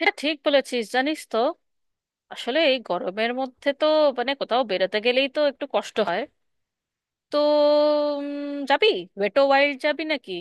এটা ঠিক বলেছিস জানিস তো। আসলে এই গরমের মধ্যে তো মানে কোথাও বেরোতে গেলেই তো একটু কষ্ট হয়। তো উম, যাবি? ওয়েটো ওয়াইল্ড যাবি নাকি?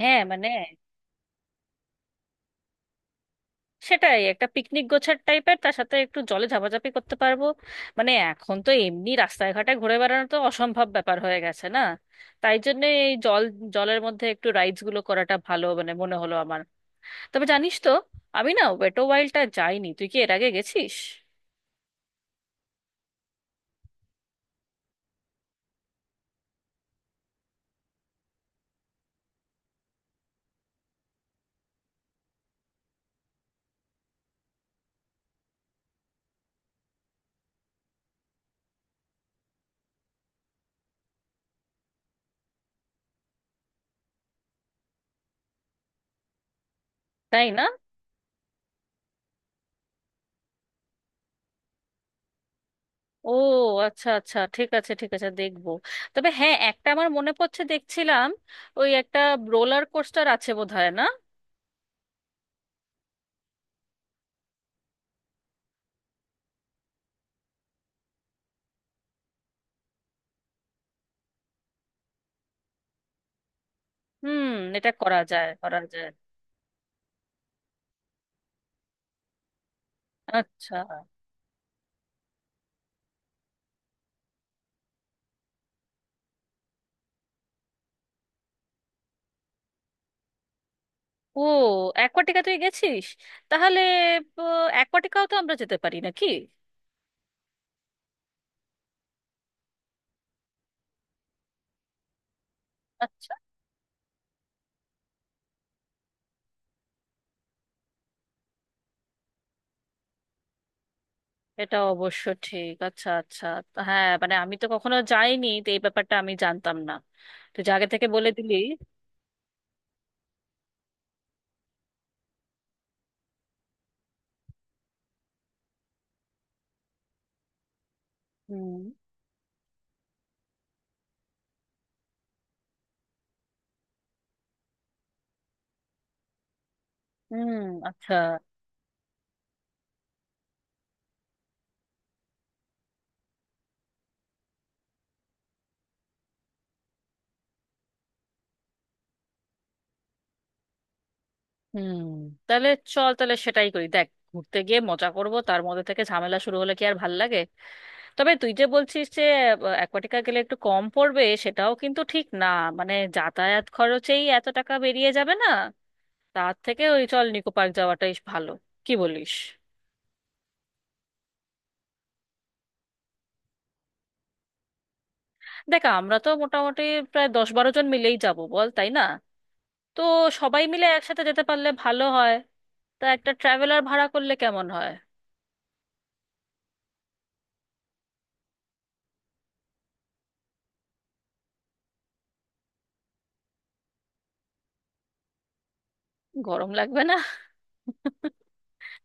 হ্যাঁ মানে সেটাই, একটা পিকনিক গোছার টাইপের, তার সাথে একটু জলে ঝাপাঝাপি করতে পারবো। মানে এখন তো এমনি রাস্তায় ঘাটে ঘুরে বেড়ানো তো অসম্ভব ব্যাপার হয়ে গেছে না? তাই জন্য এই জলের মধ্যে একটু রাইডস গুলো করাটা ভালো মানে মনে হলো আমার। তবে জানিস তো, আমি না ওয়েটো ওয়াইল্ডটা যাইনি, তুই কি এর আগে গেছিস? তাই না। ও, আচ্ছা আচ্ছা, ঠিক আছে ঠিক আছে, দেখবো। তবে হ্যাঁ, একটা আমার মনে পড়ছে, দেখছিলাম ওই একটা রোলার কোস্টার আছে বোধহয়, না? হুম, এটা করা যায় করা যায়। আচ্ছা। ও, অ্যাকোয়াটিকা তুই গেছিস? তাহলে অ্যাকোয়াটিকাও তো আমরা যেতে পারি নাকি? আচ্ছা, এটা অবশ্য ঠিক। আচ্ছা আচ্ছা। তা হ্যাঁ মানে আমি তো কখনো যাইনি তো এই ব্যাপারটা আমি জানতাম না, তুই যে আগে থেকে বলে দিলি। হুম। হুম। আচ্ছা। হুম। তাহলে চল, তাহলে সেটাই করি দেখ। ঘুরতে গিয়ে মজা করব তার মধ্যে থেকে ঝামেলা শুরু হলে কি আর ভাল লাগে? তবে তুই যে বলছিস যে অ্যাকোয়াটিকা গেলে একটু কম পড়বে সেটাও কিন্তু ঠিক না। মানে যাতায়াত খরচেই এত টাকা বেরিয়ে যাবে না? তার থেকে ওই চল নিকো পার্ক যাওয়াটাই ভালো, কি বলিস? দেখ আমরা তো মোটামুটি প্রায় 10-12 জন মিলেই যাব বল, তাই না? তো সবাই মিলে একসাথে যেতে পারলে ভালো হয়। তা একটা ট্রাভেলার ভাড়া করলে কেমন হয়? গরম লাগবে না?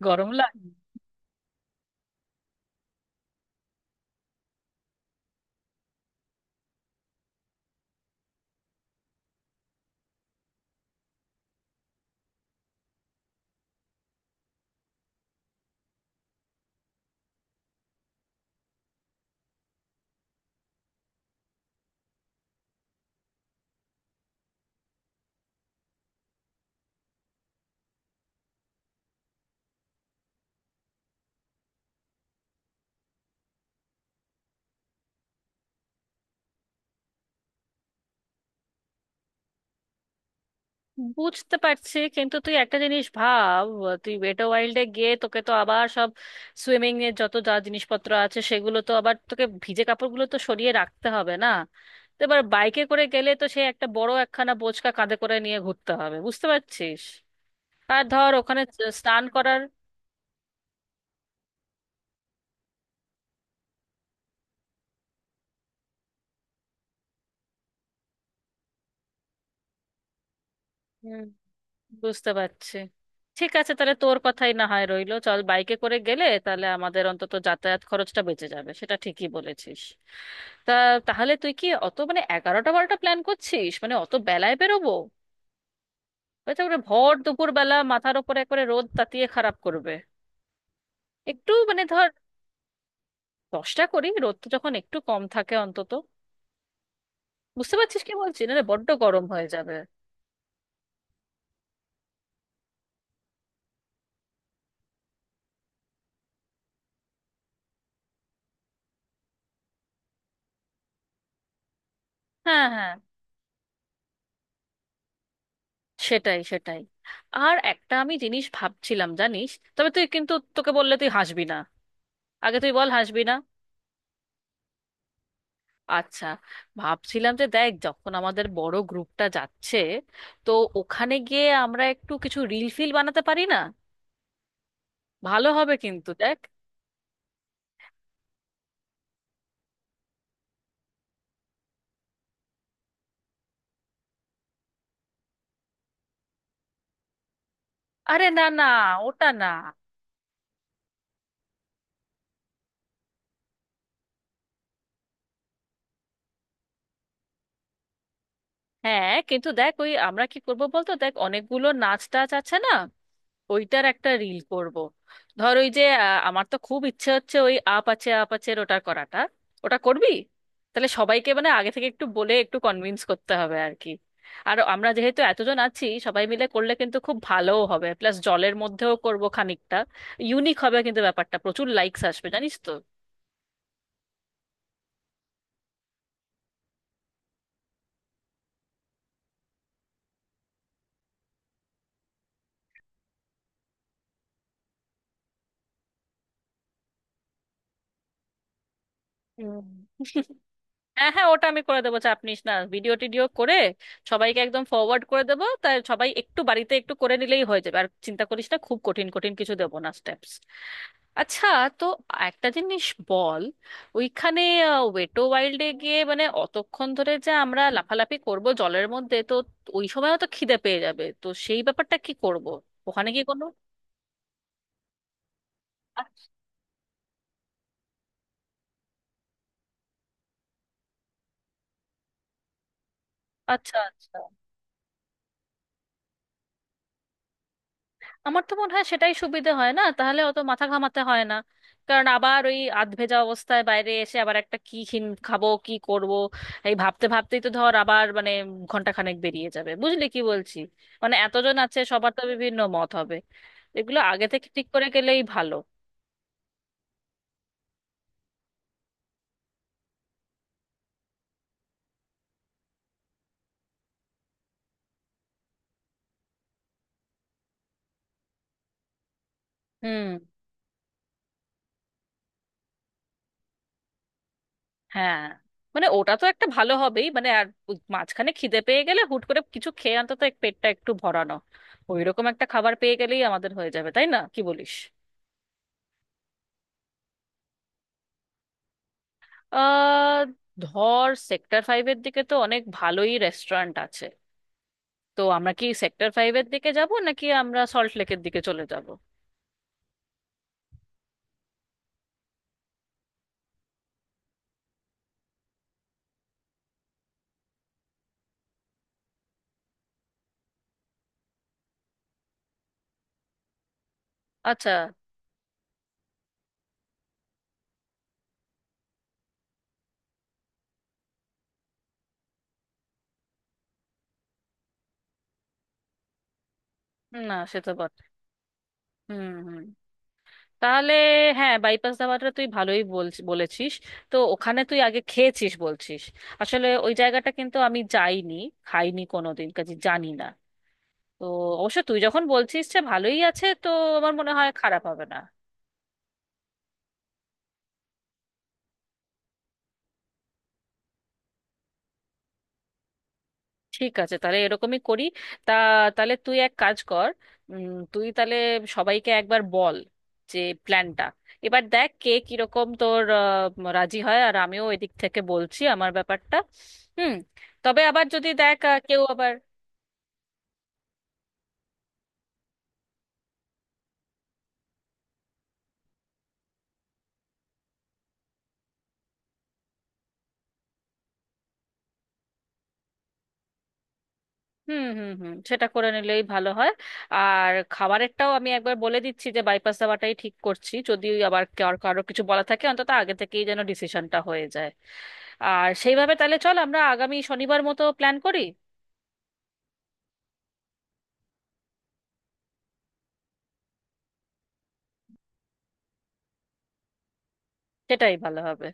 গরম লাগবে। বুঝতে পারছি, কিন্তু তুই একটা জিনিস ভাব। তুই ওয়েট ওয়াইল্ডে গিয়ে তোকে তো আবার সব সুইমিং এর যত যা জিনিসপত্র আছে সেগুলো তো আবার তোকে, ভিজে কাপড়গুলো তো সরিয়ে রাখতে হবে না? তো এবার বাইকে করে গেলে তো সে একটা বড় একখানা বোঁচকা কাঁধে করে নিয়ে ঘুরতে হবে, বুঝতে পারছিস? আর ধর ওখানে স্নান করার। বুঝতে পারছি। ঠিক আছে, তাহলে তোর কথাই না হয় রইলো, চল বাইকে করে গেলে তাহলে আমাদের অন্তত যাতায়াত খরচটা বেঁচে যাবে, সেটা ঠিকই বলেছিস। তা তাহলে তুই কি অত মানে 11টা-12টা প্ল্যান করছিস, মানে অত বেলায় বেরোবো? হয়তো ওরা ভর দুপুর বেলা মাথার ওপরে একবারে রোদ তাতিয়ে খারাপ করবে। একটু মানে ধর 10টা করি, রোদটা যখন একটু কম থাকে অন্তত। বুঝতে পারছিস কি বলছি, না? বড্ড গরম হয়ে যাবে। হ্যাঁ হ্যাঁ। সেটাই সেটাই। আর একটা আমি জিনিস ভাবছিলাম জানিস। তবে তুই কিন্তু, তোকে বললে তুই হাসবি না, আগে তুই বল হাসবি না। আচ্ছা, ভাবছিলাম যে দেখ যখন আমাদের বড় গ্রুপটা যাচ্ছে, তো ওখানে গিয়ে আমরা একটু কিছু রিল ফিল বানাতে পারি না? ভালো হবে কিন্তু, দেখ। আরে না না। ওটা না। হ্যাঁ কিন্তু দেখ ওই আমরা কি করবো বলতো, দেখ অনেকগুলো নাচ টাচ আছে না? ওইটার একটা রিল করব। ধর ওই যে আমার তো খুব ইচ্ছে হচ্ছে ওই আপ আছে আপ আছে ওটা করাটা। ওটা করবি? তাহলে সবাইকে মানে আগে থেকে একটু বলে একটু কনভিন্স করতে হবে আর কি। আর আমরা যেহেতু এতজন আছি সবাই মিলে করলে কিন্তু খুব ভালোও হবে, প্লাস জলের মধ্যেও করব খানিকটা। ইউনিক হবে কিন্তু ব্যাপারটা, প্রচুর লাইকস আসবে জানিস তো। হুম। হ্যাঁ হ্যাঁ, ওটা আমি করে দেবো, চাপ নিস না। ভিডিও টিডিও করে সবাইকে একদম ফরওয়ার্ড করে দেবো, তাই সবাই একটু বাড়িতে একটু করে নিলেই হয়ে যাবে। আর চিন্তা করিস না, খুব কঠিন কঠিন কিছু দেবো না স্টেপস। আচ্ছা। তো একটা জিনিস বল। ওইখানে ওয়েটো ওয়াইল্ডে গিয়ে মানে অতক্ষণ ধরে যে আমরা লাফালাফি করব জলের মধ্যে, তো ওই সময়ও তো খিদে পেয়ে যাবে, তো সেই ব্যাপারটা কি করব? ওখানে কি কোনো? আচ্ছা আচ্ছা। আমার তো মনে হয় সেটাই সুবিধে হয় না? তাহলে অত মাথা ঘামাতে হয় না। কারণ আবার ওই আধভেজা অবস্থায় বাইরে এসে আবার একটা কি খিন খাবো কি করব এই ভাবতে ভাবতেই তো ধর আবার মানে ঘন্টাখানেক বেরিয়ে যাবে, বুঝলি কি বলছি? মানে এতজন আছে সবার তো বিভিন্ন মত হবে। এগুলো আগে থেকে ঠিক করে গেলেই ভালো। হুম। হ্যাঁ মানে ওটা তো একটা ভালো হবেই মানে, আর ওই মাঝখানে খিদে পেয়ে গেলে হুট করে কিছু খেয়ে অন্তত এক পেটটা একটু ভরানো, ওইরকম একটা খাবার পেয়ে গেলেই আমাদের হয়ে যাবে, তাই না? কি বলিস? আহ ধর সেক্টর 5-এর দিকে তো অনেক ভালোই রেস্টুরেন্ট আছে। তো আমরা কি সেক্টর 5-এর দিকে যাব নাকি আমরা সল্ট লেকের দিকে চলে যাব? আচ্ছা। না সে তো বট। হুম হুম। তাহলে হ্যাঁ বাইপাস দাবাটা তুই ভালোই বলছি বলেছিস। তো ওখানে তুই আগে খেয়েছিস বলছিস? আসলে ওই জায়গাটা কিন্তু আমি যাইনি, খাইনি কোনোদিন, কাজে জানি না। তো অবশ্য তুই যখন বলছিস যে ভালোই আছে তো আমার মনে হয় খারাপ হবে না। ঠিক আছে তাহলে এরকমই করি। তা তাহলে তুই এক কাজ কর। তুই তাহলে সবাইকে একবার বল যে প্ল্যানটা, এবার দেখ কে কিরকম তোর রাজি হয়, আর আমিও এদিক থেকে বলছি আমার ব্যাপারটা। হুম। তবে আবার যদি দেখ কেউ আবার। হুম হুম হুম, সেটা করে নিলেই ভালো হয়। আর খাবারেরটাও আমি একবার বলে দিচ্ছি যে বাইপাস দাওয়াটাই ঠিক করছি, যদি আবার কারো কিছু বলা থাকে অন্তত আগে থেকেই যেন ডিসিশনটা হয়ে যায়। আর সেইভাবে তাহলে চল আমরা আগামী শনিবার মতো প্ল্যান করি। সেটাই ভালো হবে।